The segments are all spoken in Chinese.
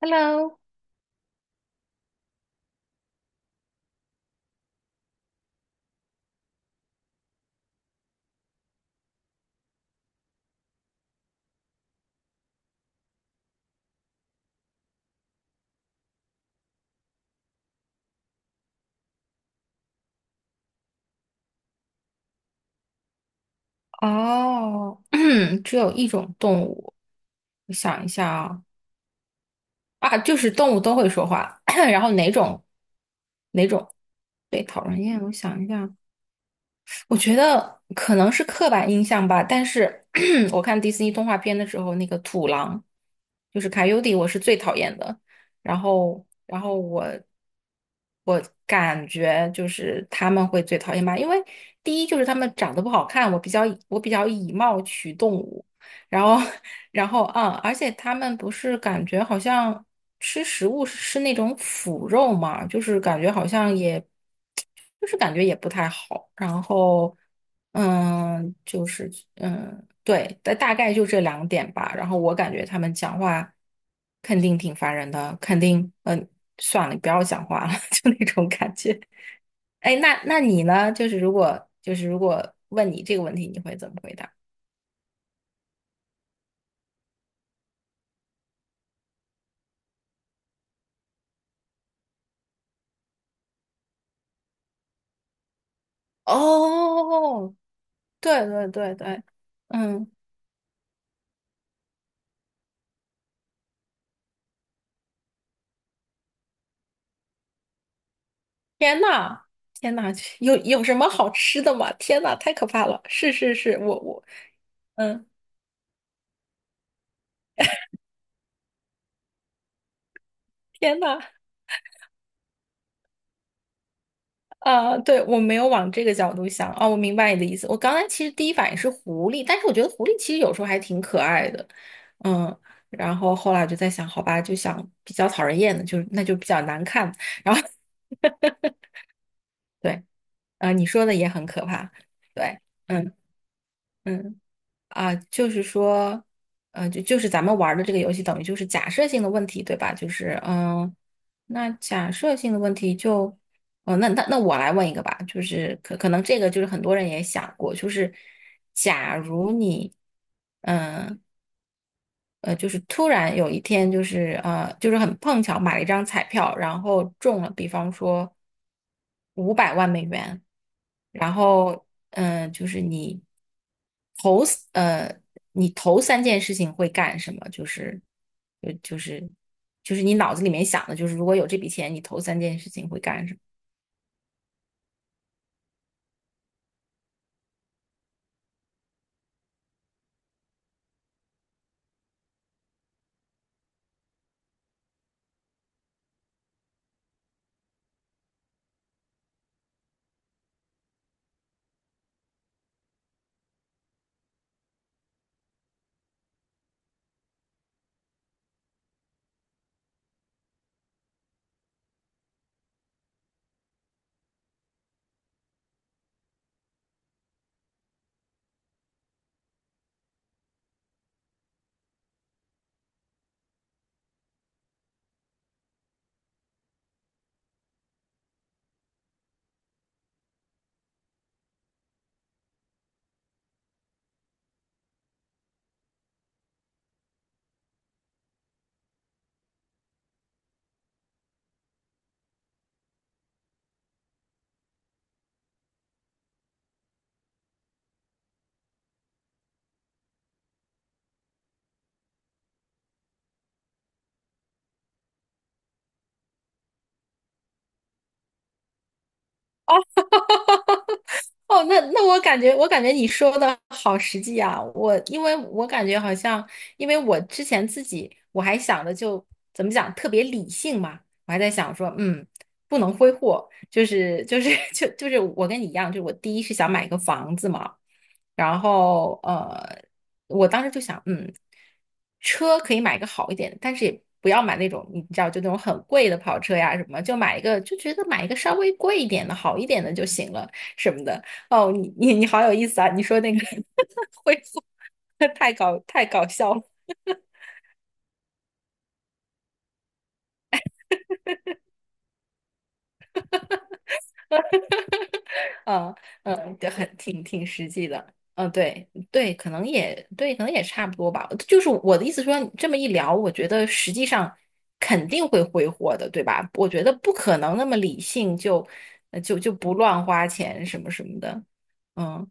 Hello，哦，只有一种动物，我想一下啊，啊，就是动物都会说话，然后哪种？对，讨人厌，我想一下，我觉得可能是刻板印象吧，但是 我看迪士尼动画片的时候，那个土狼就是卡尤迪，我是最讨厌的。然后我感觉就是他们会最讨厌吧，因为第一就是他们长得不好看，我比较以貌取动物。然后，然后，而且他们不是感觉好像吃食物是吃那种腐肉嘛，就是感觉好像也，就是感觉也不太好。然后，嗯，就是，对，大概就这两点吧。然后我感觉他们讲话肯定挺烦人的，肯定，嗯，算了，你不要讲话了，就那种感觉。哎，那你呢？就是如果问你这个问题，你会怎么回答？哦，对对对对，嗯，天呐，天呐，有什么好吃的吗？天呐，太可怕了！是是是，我，嗯，天呐，啊、对，我没有往这个角度想啊、我明白你的意思。我刚才其实第一反应是狐狸，但是我觉得狐狸其实有时候还挺可爱的，嗯，然后后来我就在想，好吧，就想比较讨人厌的，就那就比较难看，然后 对，啊、你说的也很可怕，对，嗯嗯。啊，就是说，就是咱们玩儿的这个游戏，等于就是假设性的问题，对吧？就是，嗯，那假设性的问题就，哦，那我来问一个吧，就是可能这个就是很多人也想过，就是假如你，嗯、就是突然有一天，就是很碰巧买了一张彩票，然后中了，比方说500万美元，然后就是你头呃，你头三件事情会干什么？就是就就是你脑子里面想的，就是如果有这笔钱，你头三件事情会干什么？哦，那我感觉，你说的好实际啊！因为我感觉好像，因为我之前自己我想的就怎么讲，特别理性嘛，我还在想说，嗯，不能挥霍，就是 就是我跟你一样，就是我第一是想买个房子嘛，然后呃，我当时就想，嗯，车可以买个好一点的，但是也不要买那种你知道就那种很贵的跑车呀什么，就买一个就觉得买一个稍微贵一点的好一点的就行了。什么的。哦，你好有意思啊！你说那个 恢复，太搞笑了。嗯嗯，对，挺实际的。嗯，对对，可能也对，可能也差不多吧。就是我的意思说，这么一聊，我觉得实际上肯定会挥霍的，对吧？我觉得不可能那么理性就就不乱花钱什么什么的。嗯，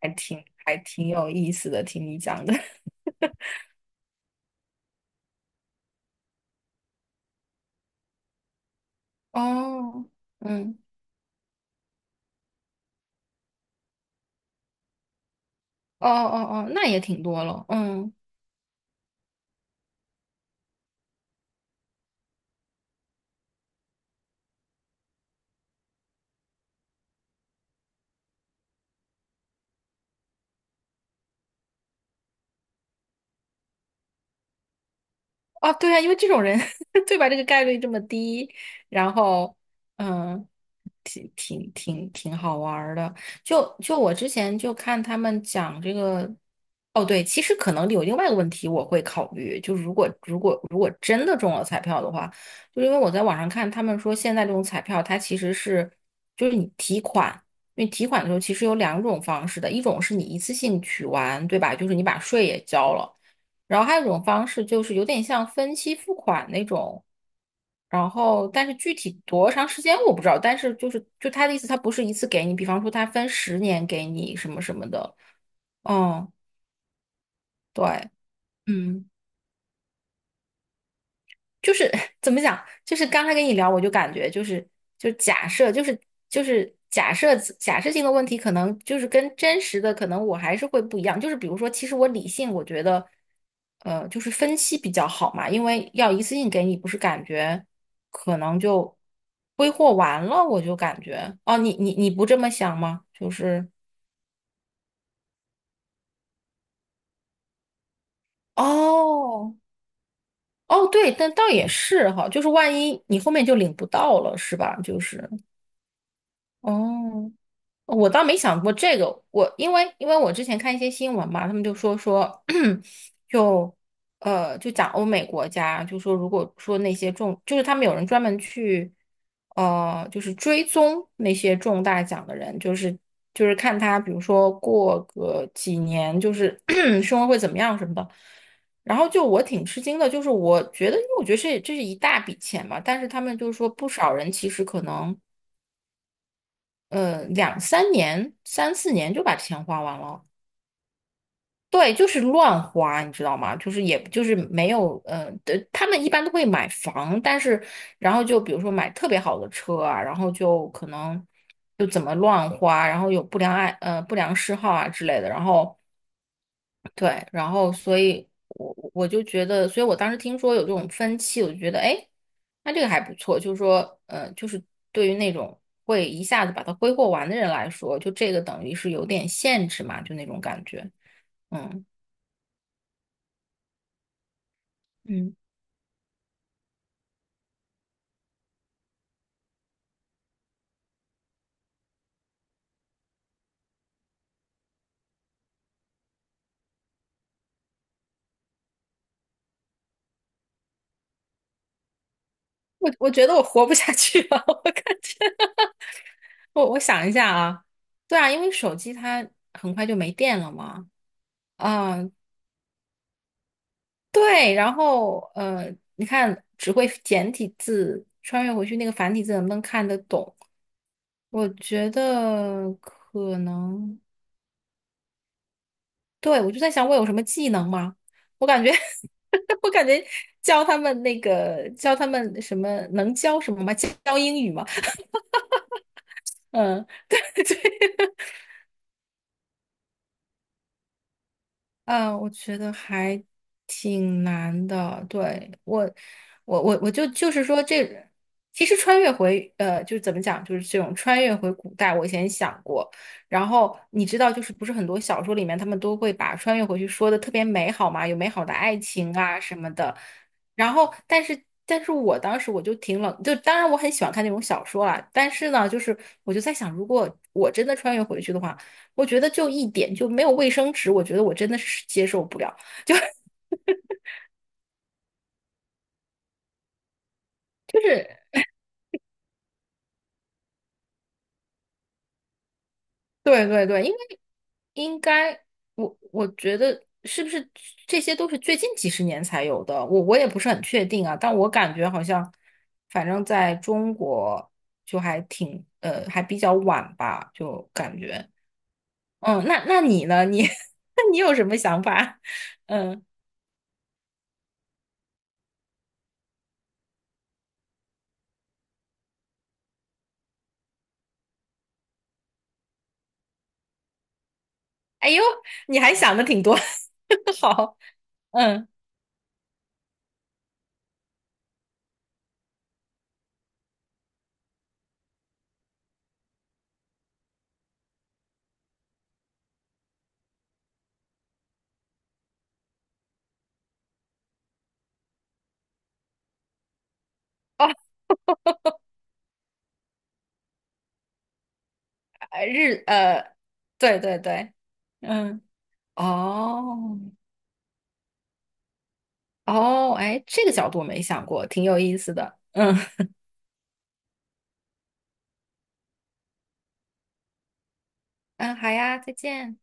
还挺有意思的，听你讲的。哦，嗯，哦哦哦，那也挺多了。嗯。啊，对啊，因为这种人 对吧？这个概率这么低，然后嗯，挺好玩儿的。就我之前就看他们讲这个，哦对，其实可能有另外一个问题我会考虑，就是如果真的中了彩票的话，就因为我在网上看他们说现在这种彩票它其实是就是你提款。因为提款的时候其实有两种方式的，一种是你一次性取完，对吧？就是你把税也交了。然后还有一种方式就是有点像分期付款那种，然后但是具体多长时间我不知道，但是就他的意思，他不是一次给你，比方说他分十年给你什么什么的，嗯，对，嗯。就是 怎么讲，就是刚才跟你聊，我就感觉就是就假设，就是假设性的问题，可能就是跟真实的，可能我还是会不一样。就是比如说，其实我理性，我觉得呃，就是分析比较好嘛，因为要一次性给你，不是感觉可能就挥霍完了，我就感觉哦，你不这么想吗？就是哦哦，对，但倒也是哈，就是万一你后面就领不到了，是吧？就是哦。我倒没想过这个，我因为我之前看一些新闻嘛，他们就说，就就讲欧美国家，就说如果说那些中，就是他们有人专门去，呃，就是追踪那些中大奖的人，就是看他，比如说过个几年，就是 生活会怎么样什么的。然后就我挺吃惊的，就是我觉得，因为我觉得这是一大笔钱嘛，但是他们就是说不少人其实可能。呃，两三年、三四年就把钱花完了。对，就是乱花，你知道吗？就是也就是没有，呃，对他们一般都会买房，但是然后就比如说买特别好的车啊，然后就可能就怎么乱花，然后有不良嗜好啊之类的，然后对，然后所以我就觉得，所以我当时听说有这种分期，我就觉得，哎，那这个还不错。就是说，呃，就是对于那种会一下子把它挥霍完的人来说，就这个等于是有点限制嘛，就那种感觉。嗯嗯，我觉得我活不下去了，我感觉我想一下啊，对啊，因为手机它很快就没电了嘛。嗯，对，然后呃，你看只会简体字，穿越回去那个繁体字能不能看得懂？我觉得可能，对，我就在想我有什么技能吗？我感觉 我感觉教他们那个教什么吗？教英语吗？嗯，嗯，我觉得还挺难的。对，我就就是说这，其实穿越回呃，就是怎么讲，就是这种穿越回古代，我以前想过。然后你知道，就是不是很多小说里面他们都会把穿越回去说的特别美好嘛，有美好的爱情啊什么的。然后，但是，但是我当时我就挺冷，就当然我很喜欢看那种小说啦，但是呢，就是我就在想，如果我真的穿越回去的话。我觉得就一点就没有卫生纸，我觉得我真的是接受不了。就就是对对对，因为应该我觉得是不是这些都是最近几十年才有的，我也不是很确定啊，但我感觉好像反正在中国就还挺还比较晚吧，就感觉嗯，那你呢？你 那你有什么想法？嗯，哎呦，你还想的挺多，好，嗯。哦。日对对对，嗯，哦哦，哎，这个角度没想过，挺有意思的。嗯嗯，好呀，再见。